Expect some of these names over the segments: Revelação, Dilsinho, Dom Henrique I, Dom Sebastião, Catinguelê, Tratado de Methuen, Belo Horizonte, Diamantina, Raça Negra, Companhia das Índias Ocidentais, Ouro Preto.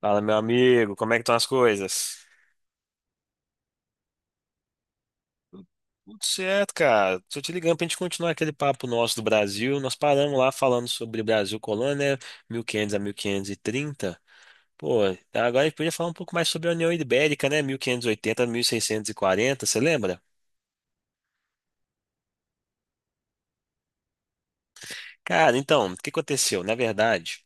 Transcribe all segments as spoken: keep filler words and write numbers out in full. Fala, meu amigo, como é que estão as coisas? Tudo certo, cara. Tô te ligando pra gente continuar aquele papo nosso do Brasil. Nós paramos lá falando sobre Brasil Colônia, né? Mil e quinhentos a mil quinhentos e trinta. Pô, agora a gente podia falar um pouco mais sobre a União Ibérica, né? mil quinhentos e oitenta a mil seiscentos e quarenta. você lembra? Cara, então, o que aconteceu? Na verdade,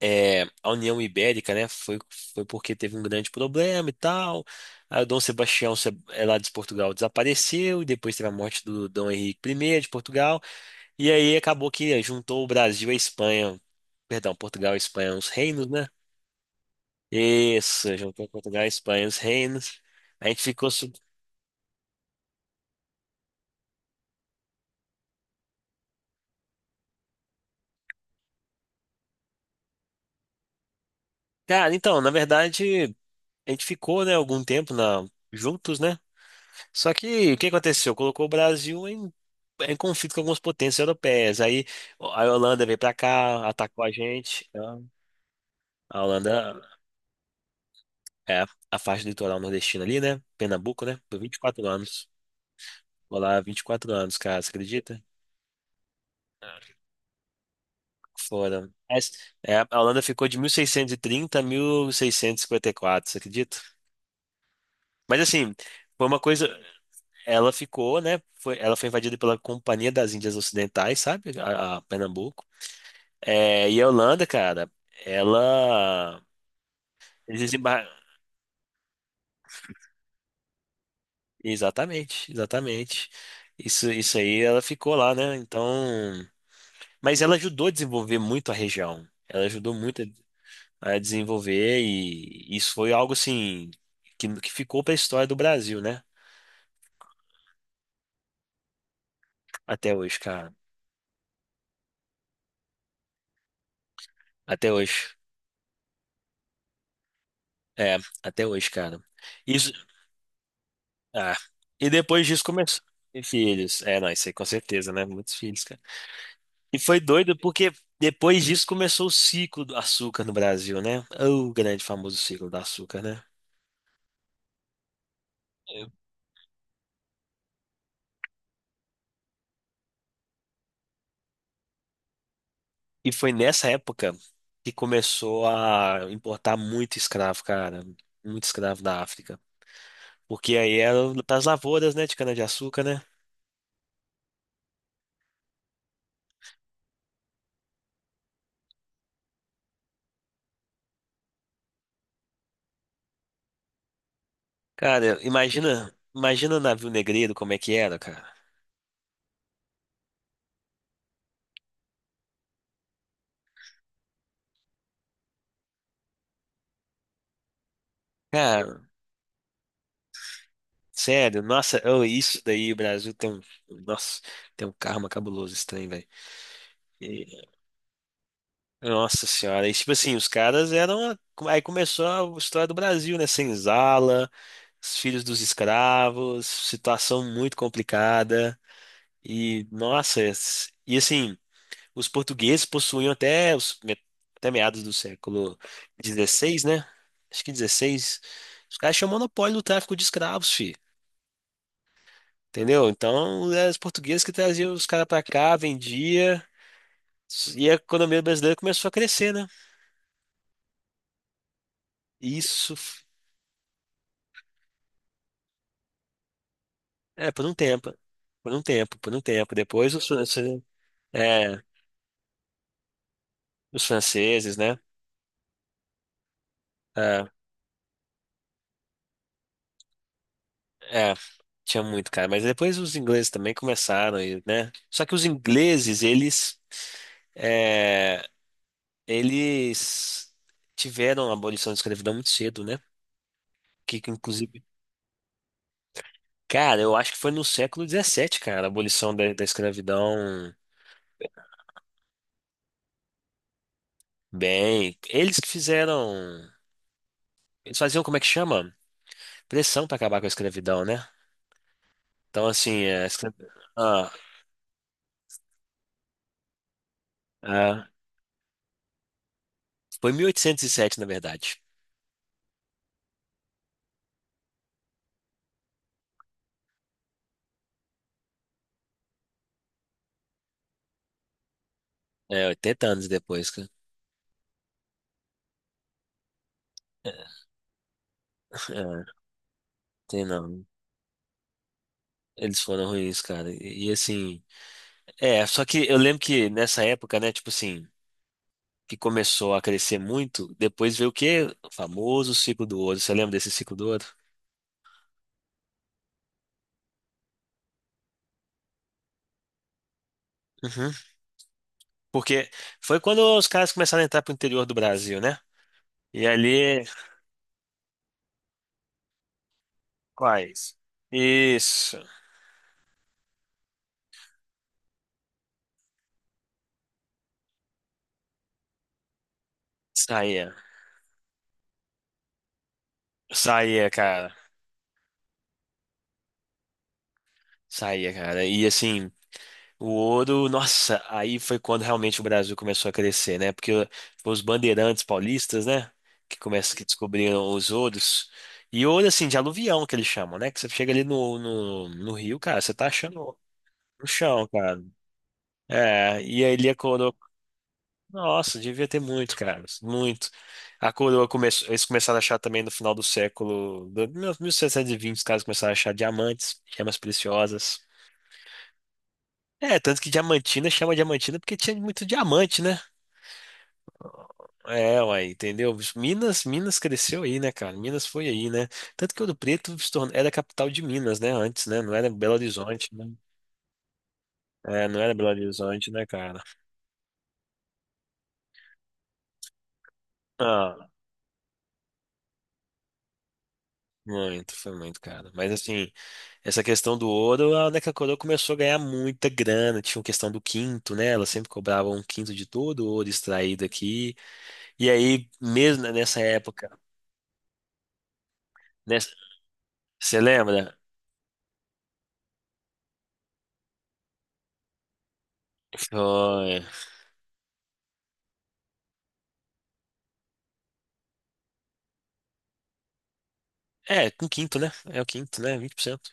é, a União Ibérica, né, foi, foi porque teve um grande problema e tal. Aí o Dom Sebastião, se- é lá de Portugal, desapareceu, e depois teve a morte do Dom Henrique I de Portugal. E aí acabou que juntou o Brasil e a Espanha. Perdão, Portugal e Espanha, os reinos, né? Isso, juntou Portugal e Espanha, os reinos. A gente ficou. su- Cara, então, na verdade, a gente ficou, né, algum tempo na... juntos, né? Só que o que aconteceu? Colocou o Brasil em, em conflito com algumas potências europeias. Aí a Holanda veio pra cá, atacou a gente. A Holanda é a faixa do litoral nordestina ali, né? Pernambuco, né? Por vinte e quatro anos. Vou lá, vinte e quatro anos, cara, você acredita? Foram. Mas, é, a Holanda ficou de mil seiscentos e trinta a mil seiscentos e cinquenta e quatro, você acredita? Mas assim, foi uma coisa. Ela ficou, né? Foi, ela foi invadida pela Companhia das Índias Ocidentais, sabe? A, a Pernambuco. É, e a Holanda, cara, ela. Eles desembar... Exatamente, exatamente. Isso, isso aí, ela ficou lá, né? Então. Mas ela ajudou a desenvolver muito a região. Ela ajudou muito a desenvolver, e isso foi algo assim que, que ficou para a história do Brasil, né? Até hoje, cara. Até hoje. É, até hoje, cara. Isso, ah, e depois disso começou. E filhos. É, não, isso aí com certeza, né? Muitos filhos, cara. E foi doido porque depois disso começou o ciclo do açúcar no Brasil, né? O grande famoso ciclo do açúcar, né? E foi nessa época que começou a importar muito escravo, cara. Muito escravo da África. Porque aí era pras lavouras, né, de cana-de-açúcar, né? Cara, imagina, imagina o navio negreiro como é que era, cara. Cara, sério, nossa, oh, isso daí, o Brasil tem um, nossa, tem um karma cabuloso esse trem, velho. E- Nossa senhora, e tipo assim, os caras eram, aí começou a história do Brasil, né, senzala, os filhos dos escravos, situação muito complicada. E nossa, e assim, os portugueses possuíam até, os, me- até meados do século dezesseis, né? Acho que dezesseis. Os caras tinham monopólio do tráfico de escravos, fi. Entendeu? Então, eram os portugueses que traziam os caras pra cá, vendia, e a economia brasileira começou a crescer, né? Isso, f- é, por um tempo. Por um tempo, por um tempo. Depois os franceses, é, os franceses, né? É. É, tinha muito, cara. Mas depois os ingleses também começaram, e, né? Só que os ingleses, eles, é, eles tiveram a abolição da escravidão muito cedo, né? Que, que, inclusive, cara, eu acho que foi no século dezessete, cara, a abolição da, da escravidão. Bem, eles que fizeram. Eles faziam, como é que chama? Pressão pra acabar com a escravidão, né? Então, assim, a escra- ah, ah, foi mil oitocentos e sete, na verdade. É, oitenta anos depois, cara. Tem não. Eles foram ruins, cara. E, e, assim, é, só que eu lembro que nessa época, né, tipo assim, que começou a crescer muito, depois veio o quê? O famoso ciclo do ouro. Você lembra desse ciclo do ouro? Uhum. Porque foi quando os caras começaram a entrar pro interior do Brasil, né? E ali, quais? Isso. Saía. Saía, cara. Saía, cara. E assim, o ouro, nossa, aí foi quando realmente o Brasil começou a crescer, né? Porque foi os bandeirantes paulistas, né? Que começam, que descobriram os ouros. E ouro, assim, de aluvião que eles chamam, né? Que você chega ali no, no, no rio, cara, você tá achando ouro no chão, cara. É, e aí ele a coroa. Nossa, devia ter muito, cara, muito. A coroa começou, eles começaram a achar também no final do século, do- mil setecentos e vinte, os caras começaram a achar diamantes, gemas preciosas. É, tanto que diamantina chama diamantina porque tinha muito diamante, né? É, uai, entendeu? Bicho, Minas, Minas cresceu aí, né, cara? Minas foi aí, né? Tanto que Ouro Preto se tornou, era a capital de Minas, né? Antes, né? Não era Belo Horizonte, né? É, não era Belo Horizonte, né, cara? Ah, muito, foi muito, cara. Mas assim, essa questão do ouro, a Neca Coroa começou a ganhar muita grana. Tinha a questão do quinto, né? Ela sempre cobrava um quinto de todo o ouro extraído aqui. E aí, mesmo né, nessa época, nessa- Você lembra? Foi. É, um quinto, né? É o quinto, né? Vinte por cento.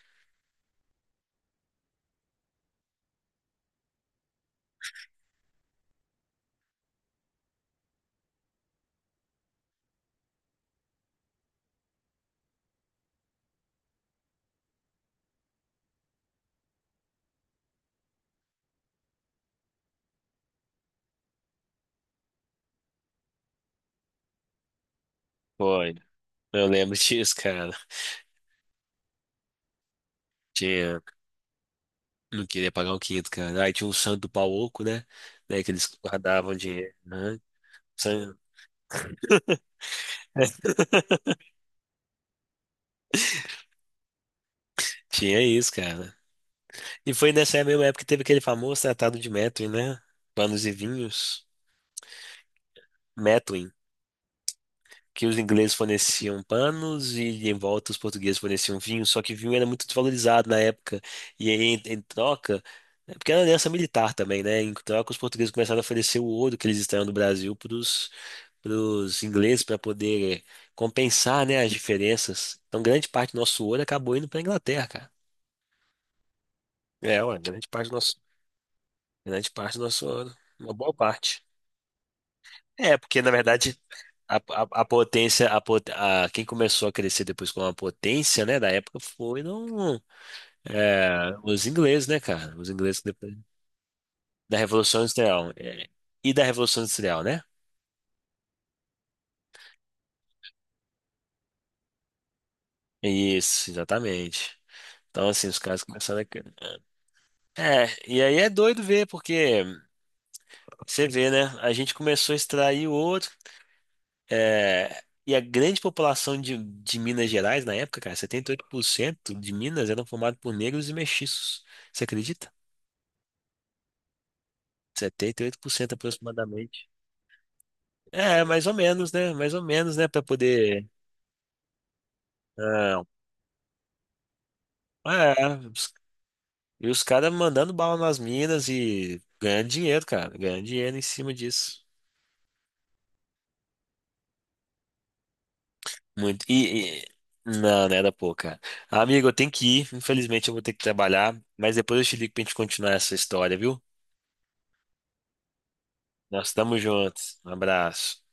Foi. Eu lembro disso, cara. Tinha. Não queria pagar um quinto, cara. Aí tinha um santo do pau oco, né? Né, que eles guardavam dinheiro, né? San- Tinha isso, cara. E foi nessa mesma época que teve aquele famoso tratado de Methuen, né? Panos e vinhos. Methuen. Que os ingleses forneciam panos e em volta os portugueses forneciam vinho. Só que vinho era muito desvalorizado na época. E aí, em, em, troca. é Porque era aliança militar também, né? Em troca, os portugueses começaram a oferecer o ouro que eles extraíam do Brasil para os para os ingleses para poder compensar, né, as diferenças. Então, grande parte do nosso ouro acabou indo para a Inglaterra, cara. É, ué, grande parte do nosso, grande parte do nosso ouro, uma boa parte. É, porque na verdade a, a, a potência, a, pot- a- quem começou a crescer depois com a potência, né, da época foram é, os ingleses, né, cara? Os ingleses depois da Revolução Industrial é, e da Revolução Industrial, né? Isso, exatamente. Então, assim, os caras começaram a... cre- É, e aí é doido ver, porque você vê, né? A gente começou a extrair ouro, é, e a grande população de, de Minas Gerais na época, cara, setenta e oito por cento de Minas eram formados por negros e mestiços. Você acredita? Setenta e oito por cento, aproximadamente. É, mais ou menos, né? Mais ou menos, né? Pra poder. Não. É, os- e os caras mandando bala nas minas e ganhando dinheiro, cara. Ganhando dinheiro em cima disso. Muito. E, e- Não, não era pouco, cara. Amigo, eu tenho que ir. Infelizmente, eu vou ter que trabalhar. Mas depois eu te ligo pra gente continuar essa história, viu? Nós estamos juntos. Um abraço.